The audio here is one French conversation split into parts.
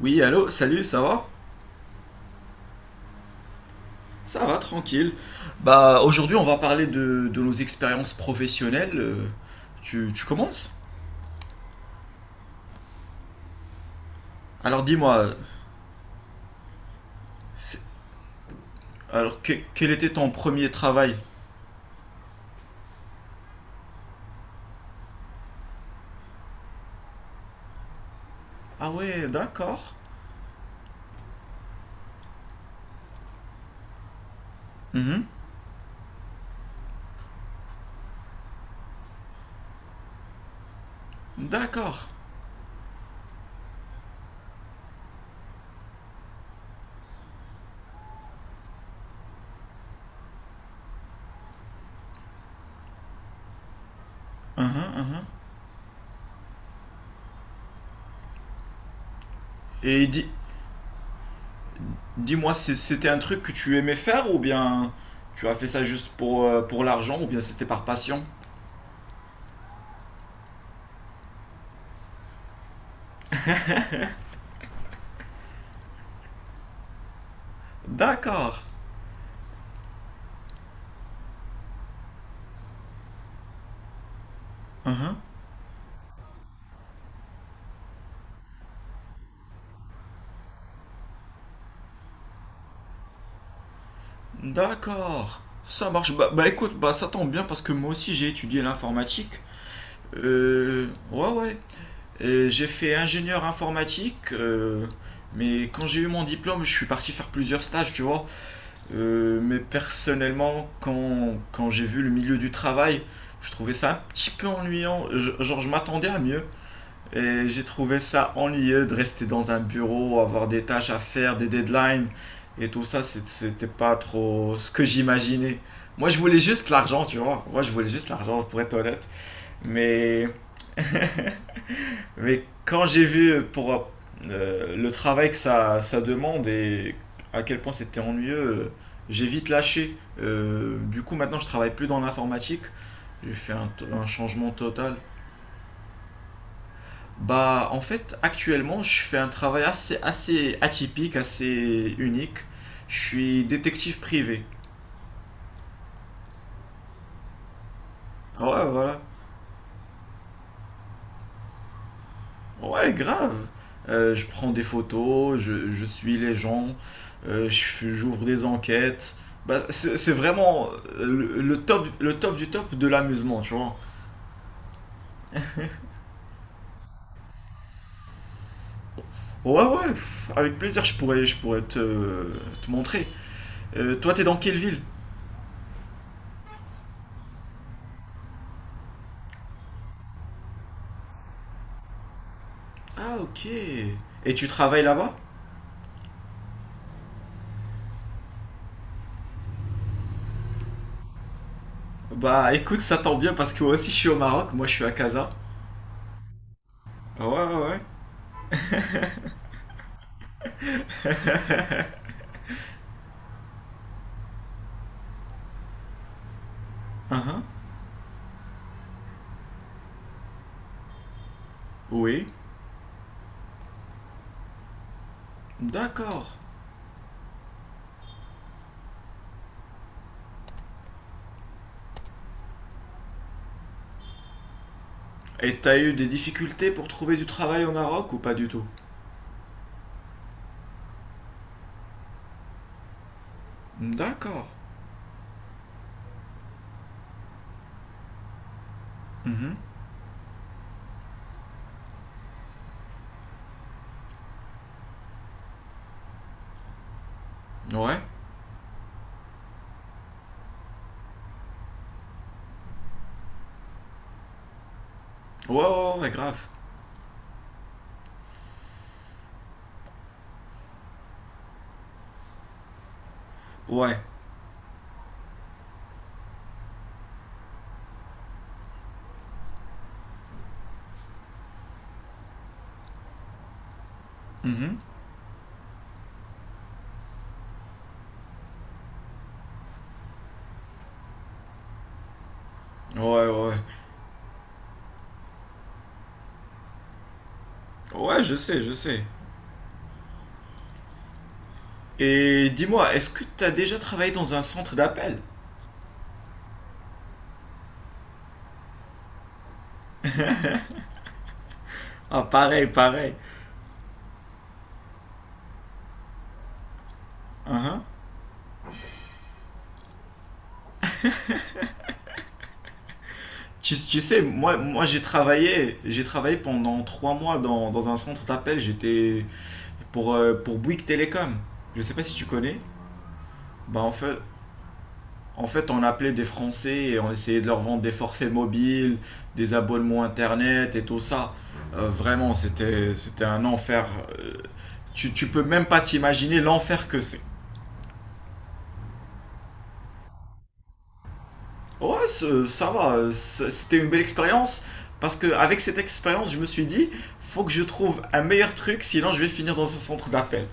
Oui, allô, salut, ça va? Ça va, tranquille. Bah, aujourd'hui, on va parler de nos expériences professionnelles. Tu commences? Alors, dis-moi, c'est- quel était ton premier travail? Ah ouais, d'accord. Mhm. D'accord. Mhm, mhm. Et dis, dis-moi, c'était un truc que tu aimais faire ou bien tu as fait ça juste pour l'argent ou bien c'était par passion? D'accord. Mhm. D'accord, ça marche. Bah écoute, bah ça tombe bien parce que moi aussi j'ai étudié l'informatique. Ouais. Et j'ai fait ingénieur informatique, mais quand j'ai eu mon diplôme, je suis parti faire plusieurs stages, tu vois. Mais personnellement, quand j'ai vu le milieu du travail, je trouvais ça un petit peu ennuyant. Genre, je m'attendais à mieux. Et j'ai trouvé ça ennuyeux de rester dans un bureau, avoir des tâches à faire, des deadlines et tout ça. C'était pas trop ce que j'imaginais. Moi, je voulais juste l'argent, tu vois. Moi, je voulais juste l'argent, pour être honnête. Mais, mais quand j'ai vu pour le travail que ça demande et à quel point c'était ennuyeux, j'ai vite lâché. Du coup, maintenant, je travaille plus dans l'informatique. J'ai fait un changement total. Bah, en fait, actuellement, je fais un travail assez atypique, assez unique. Je suis détective privé. Ouais, voilà. Ouais, grave. Je prends des photos, je suis les gens, j'ouvre des enquêtes. Bah, c'est vraiment le top du top de l'amusement, tu vois. Ouais, ouais, pff, avec plaisir, je pourrais te, te montrer. Toi, t'es dans quelle ville? Ah, ok. Et tu travailles là-bas? Bah écoute, ça tombe bien parce que moi aussi je suis au Maroc, moi je suis à Casa. Ah ouais, ouais, ouais. Uhum. Oui. D'accord. Et t'as eu des difficultés pour trouver du travail au Maroc ou pas du tout? D'accord. Mhm. Ouais. Ouais, ouais, ouais, grave. Ouais. Mhm. Ouais, ouais. Ouais, je sais, je sais. Et dis-moi, est-ce que t'as déjà travaillé dans un centre d'appel? Ah, pareil, pareil. Uhum. Tu sais, moi j'ai travaillé pendant trois mois dans un centre d'appel. J'étais, pour Bouygues Télécom. Je sais pas si tu connais. Bah, en fait, on appelait des Français et on essayait de leur vendre des forfaits mobiles, des abonnements internet et tout ça. Vraiment, c'était un enfer. Euh, tu peux même pas t'imaginer l'enfer que c'est. Ouais, ça va. C'était une belle expérience. Parce que avec cette expérience, je me suis dit, faut que je trouve un meilleur truc, sinon je vais finir dans un centre d'appel.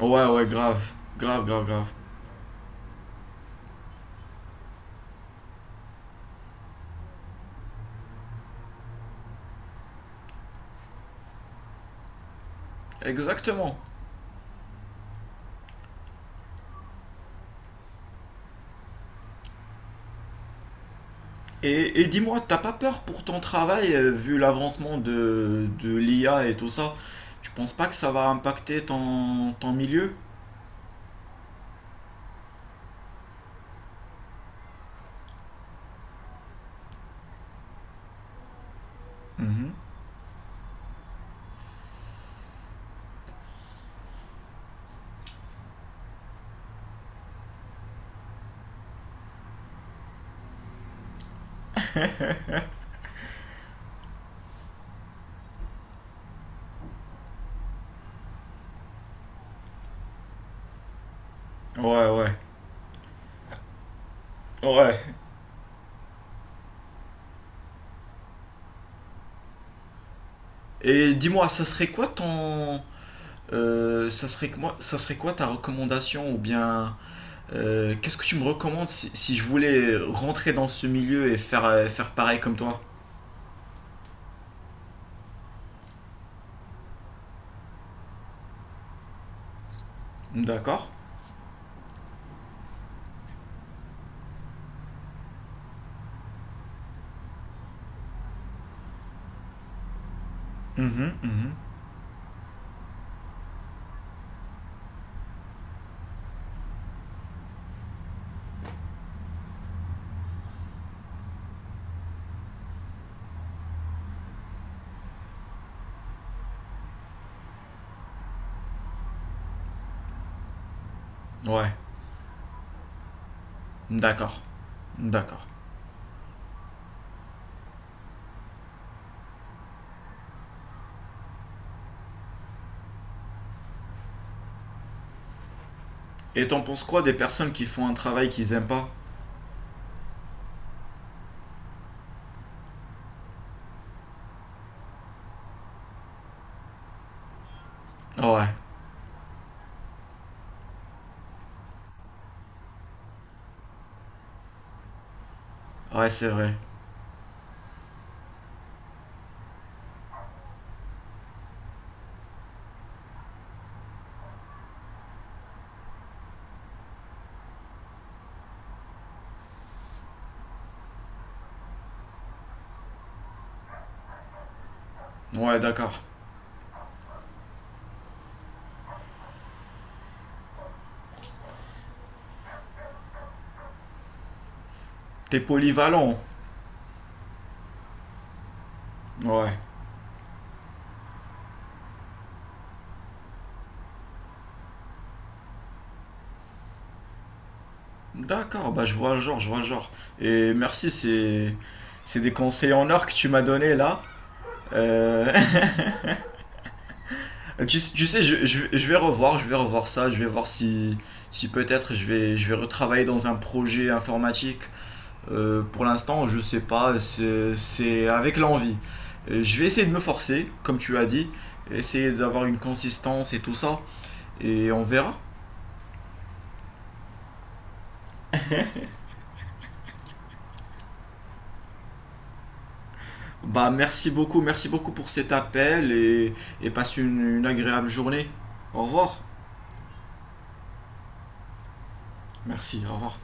Ouais, ouais, grave. Grave, grave, grave. Exactement. Et dis-moi, t'as pas peur pour ton travail, vu l'avancement de l'IA et tout ça? Tu penses pas que ça va impacter ton, ton milieu? Mhm. Ouais, ouais, ouais. Et dis-moi, ça serait quoi ton, ça serait quoi ta recommandation ou bien qu'est-ce que tu me recommandes si je voulais rentrer dans ce milieu et faire faire pareil comme toi? D'accord? Mhm, mhm. Ouais, d'accord, d'accord. Et t'en penses quoi des personnes qui font un travail qu'ils aiment pas? Ouais, ouais, c'est vrai. Ouais, d'accord. T'es polyvalent. Ouais. D'accord, bah je vois le genre, je vois le genre. Et merci, c'est des conseils en or que tu m'as donné là. Euh, tu sais, je vais revoir ça, je vais voir si, si peut-être je vais retravailler dans un projet informatique. Pour l'instant, je sais pas, c'est avec l'envie. Je vais essayer de me forcer, comme tu as dit, essayer d'avoir une consistance et tout ça, et on verra. Bah, merci beaucoup pour cet appel et passe une agréable journée. Au revoir. Merci, au revoir.